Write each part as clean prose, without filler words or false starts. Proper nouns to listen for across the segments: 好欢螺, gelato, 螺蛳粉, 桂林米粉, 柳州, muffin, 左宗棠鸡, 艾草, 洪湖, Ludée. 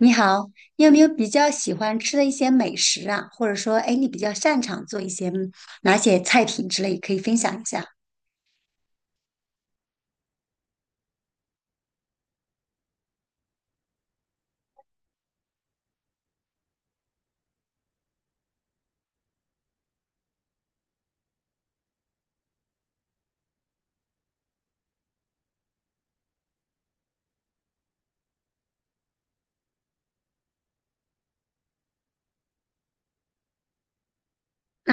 你好，你有没有比较喜欢吃的一些美食啊？或者说，哎，你比较擅长做一些哪些菜品之类，可以分享一下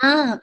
啊？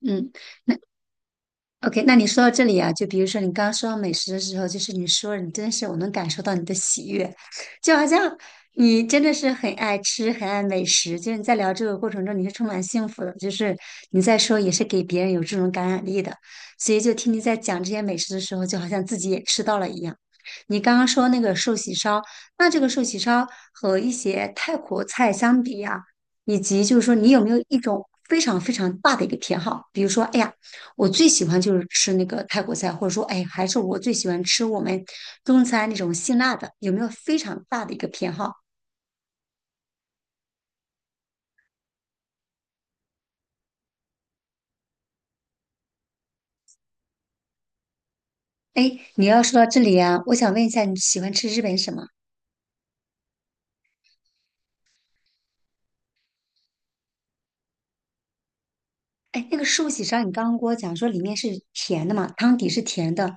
嗯。OK，那你说到这里啊，就比如说你刚刚说到美食的时候，就是你说你真是我能感受到你的喜悦，就好像你真的是很爱吃、很爱美食，就是你在聊这个过程中你是充满幸福的，就是你在说也是给别人有这种感染力的，所以就听你在讲这些美食的时候，就好像自己也吃到了一样。你刚刚说那个寿喜烧，那这个寿喜烧和一些泰国菜相比呀、以及就是说，你有没有一种非常非常大的一个偏好？比如说，哎呀，我最喜欢就是吃那个泰国菜，或者说，哎，还是我最喜欢吃我们中餐那种辛辣的，有没有非常大的一个偏好？哎，你要说到这里啊，我想问一下，你喜欢吃日本什么？哎，那个寿喜烧，你刚刚跟我讲说里面是甜的嘛，汤底是甜的，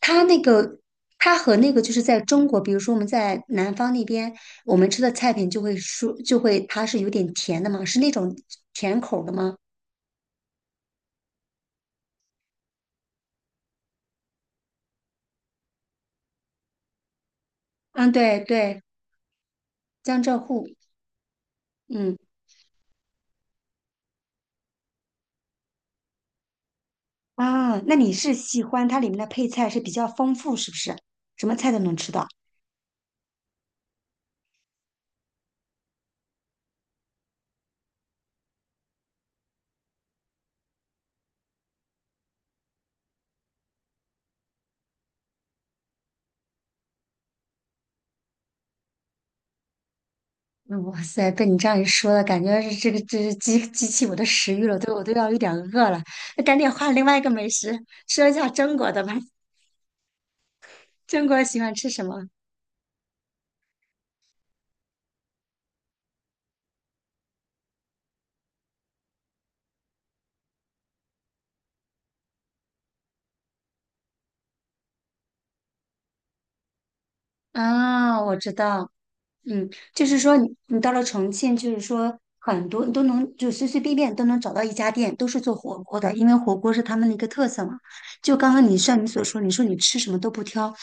它那个它和那个就是在中国，比如说我们在南方那边，我们吃的菜品就会说就会它是有点甜的嘛，是那种甜口的吗？嗯，对对，江浙沪，嗯。啊，那你是喜欢它里面的配菜是比较丰富，是不是？什么菜都能吃到。嗯哇塞，被你这样一说了，感觉是这个这是激起我的食欲了，对我都要有点饿了。那赶紧换另外一个美食，说一下中国的吧。中国喜欢吃什么？啊，我知道，嗯，就是说你到了重庆，就是说很多你都能就随随便便都能找到一家店，都是做火锅的，因为火锅是他们的一个特色嘛。就刚刚你像你所说，你说你吃什么都不挑，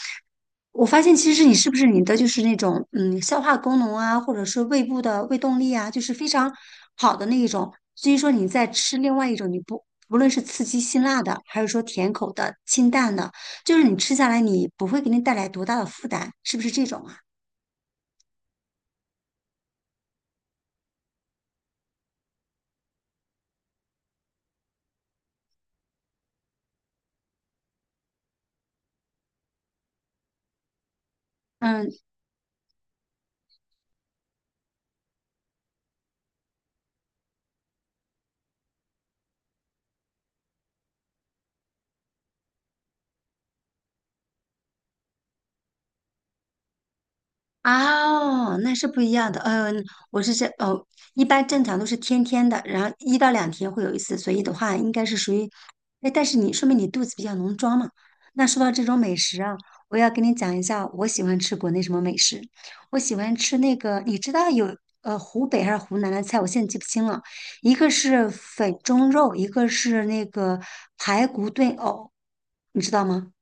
我发现其实你是不是你的就是那种消化功能啊，或者是胃部的胃动力啊，就是非常好的那一种。所以说你在吃另外一种，你不无论是刺激辛辣的，还是说甜口的、清淡的，就是你吃下来你不会给你带来多大的负担，是不是这种啊？嗯，哦，那是不一样的。嗯，我是这哦，一般正常都是天天的，然后一到两天会有一次，所以的话应该是属于，哎，但是你说明你肚子比较能装嘛。那说到这种美食啊，我要跟你讲一下，我喜欢吃国内什么美食。我喜欢吃那个，你知道有湖北还是湖南的菜，我现在记不清了，一个是粉蒸肉，一个是那个排骨炖藕，你知道吗？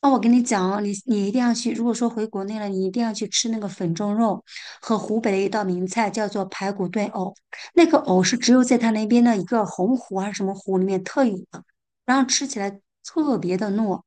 那我跟你讲哦，你一定要去。如果说回国内了，你一定要去吃那个粉蒸肉和湖北的一道名菜，叫做排骨炖藕。那个藕是只有在他那边的一个洪湖还是什么湖里面特有的，然后吃起来特别的糯。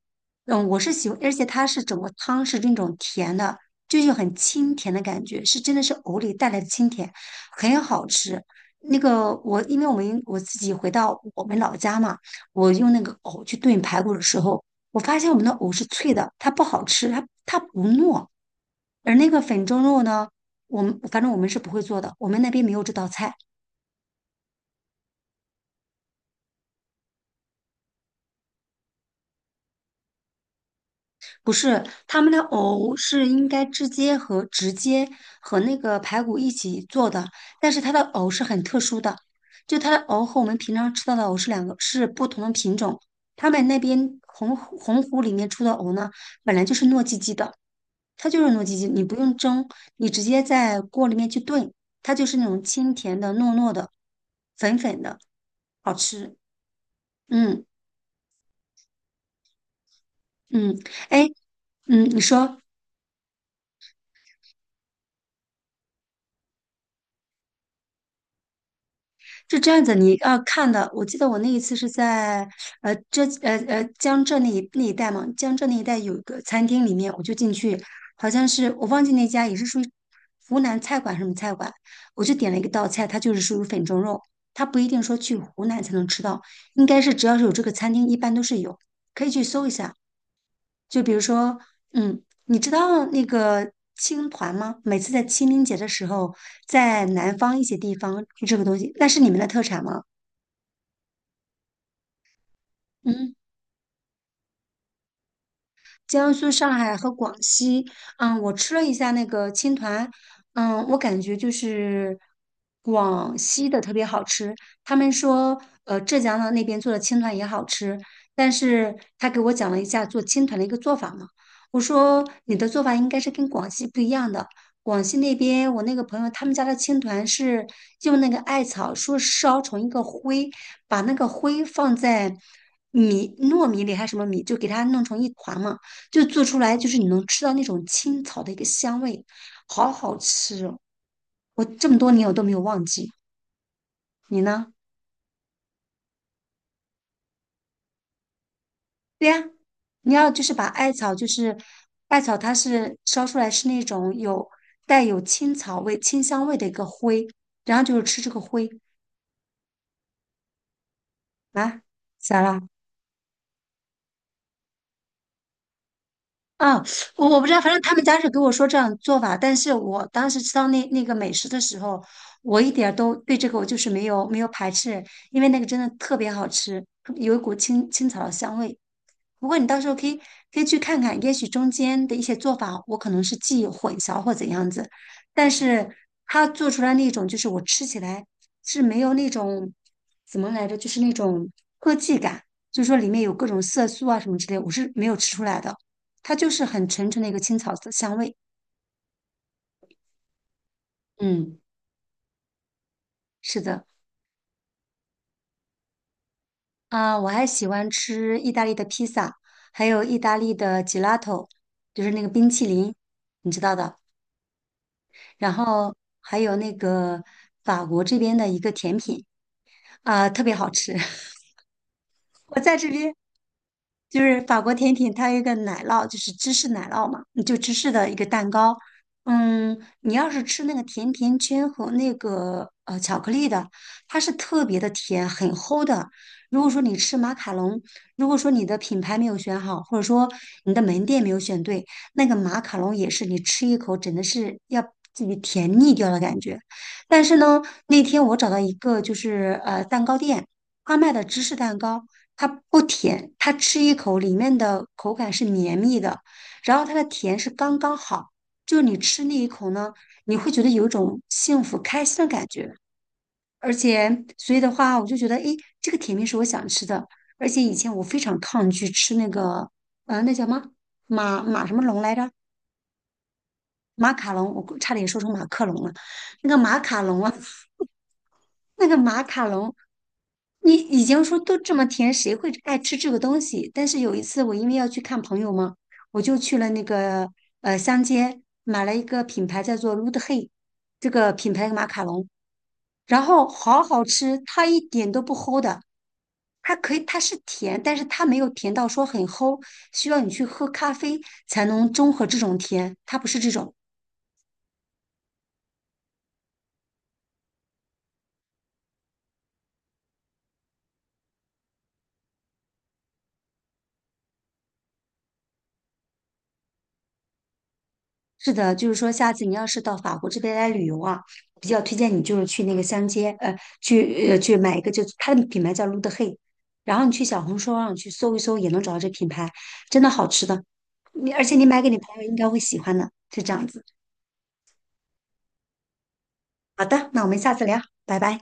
嗯，我是喜欢，而且它是整个汤是那种甜的，就是有很清甜的感觉，是真的是藕里带来的清甜，很好吃。那个我，因为我们我自己回到我们老家嘛，我用那个藕去炖排骨的时候。我发现我们的藕是脆的，它不好吃，它不糯。而那个粉蒸肉呢，我们反正我们是不会做的，我们那边没有这道菜。不是，他们的藕是应该直接和那个排骨一起做的，但是它的藕是很特殊的，就它的藕和我们平常吃到的藕是两个是不同的品种。他们那边洪湖里面出的藕呢，本来就是糯叽叽的，它就是糯叽叽，你不用蒸，你直接在锅里面去炖，它就是那种清甜的、糯糯的、粉粉的，好吃。嗯嗯，哎嗯，你说是这样子，你要看的。我记得我那一次是在呃浙呃呃江浙那一带嘛，江浙那一带有一个餐厅里面，我就进去，好像是我忘记那家也是属于湖南菜馆什么菜馆，我就点了一个道菜，它就是属于粉蒸肉，它不一定说去湖南才能吃到，应该是只要是有这个餐厅，一般都是有，可以去搜一下。就比如说，嗯，你知道那个青团吗？每次在清明节的时候，在南方一些地方就这个东西，那是你们的特产吗？嗯，江苏、上海和广西。嗯，我吃了一下那个青团，嗯，我感觉就是广西的特别好吃。他们说，呃，浙江的那边做的青团也好吃，但是他给我讲了一下做青团的一个做法嘛。我说你的做法应该是跟广西不一样的。广西那边，我那个朋友他们家的青团是用那个艾草说烧成一个灰，把那个灰放在米糯米里还是什么米，就给它弄成一团嘛。就做出来就是你能吃到那种青草的一个香味，好好吃哦！我这么多年我都没有忘记。你呢？对呀，你要就是把艾草，就是艾草，它是烧出来是那种有带有青草味、清香味的一个灰，然后就是吃这个灰啊，咋啦？啊，我我不知道，反正他们家是给我说这样做法，但是我当时吃到那个美食的时候，我一点儿都对这个我就是没有排斥，因为那个真的特别好吃，有一股青青草的香味。不过你到时候可以去看看，也许中间的一些做法我可能是记忆混淆或怎样子，但是他做出来那种就是我吃起来是没有那种怎么来着，就是那种科技感，就是说里面有各种色素啊什么之类，我是没有吃出来的。它就是很纯纯的一个青草的香味。嗯，是的，啊，我还喜欢吃意大利的披萨，还有意大利的 gelato，就是那个冰淇淋，你知道的。然后还有那个法国这边的一个甜品，啊，特别好吃。我在这边，就是法国甜品，它有一个奶酪，就是芝士奶酪嘛，就芝士的一个蛋糕。嗯，你要是吃那个甜甜圈和那个巧克力的，它是特别的甜，很齁的。如果说你吃马卡龙，如果说你的品牌没有选好，或者说你的门店没有选对，那个马卡龙也是你吃一口真的是要自己甜腻掉的感觉。但是呢，那天我找到一个就是蛋糕店。他卖的芝士蛋糕，它不甜，它吃一口里面的口感是绵密的，然后它的甜是刚刚好，就是你吃那一口呢，你会觉得有一种幸福开心的感觉。而且，所以的话，我就觉得，诶，这个甜品是我想吃的。而且以前我非常抗拒吃那个，那叫什么什么龙来着？马卡龙，我差点说成马克龙了。那个马卡龙啊，那个马卡龙，你已经说都这么甜，谁会爱吃这个东西？但是有一次，我因为要去看朋友嘛，我就去了那个乡间买了一个品牌叫做 l u d e Hey 这个品牌的马卡龙，然后好好吃，它一点都不齁的。它可以，它是甜，但是它没有甜到说很齁，需要你去喝咖啡才能中和这种甜，它不是这种。是的，就是说，下次你要是到法国这边来旅游啊，比较推荐你就是去那个香街，去去买一个，就是它的品牌叫 l u d h e 然后你去小红书上去搜一搜，也能找到这品牌，真的好吃的。而且你买给你朋友应该会喜欢的，就这样子。好的，那我们下次聊，拜拜。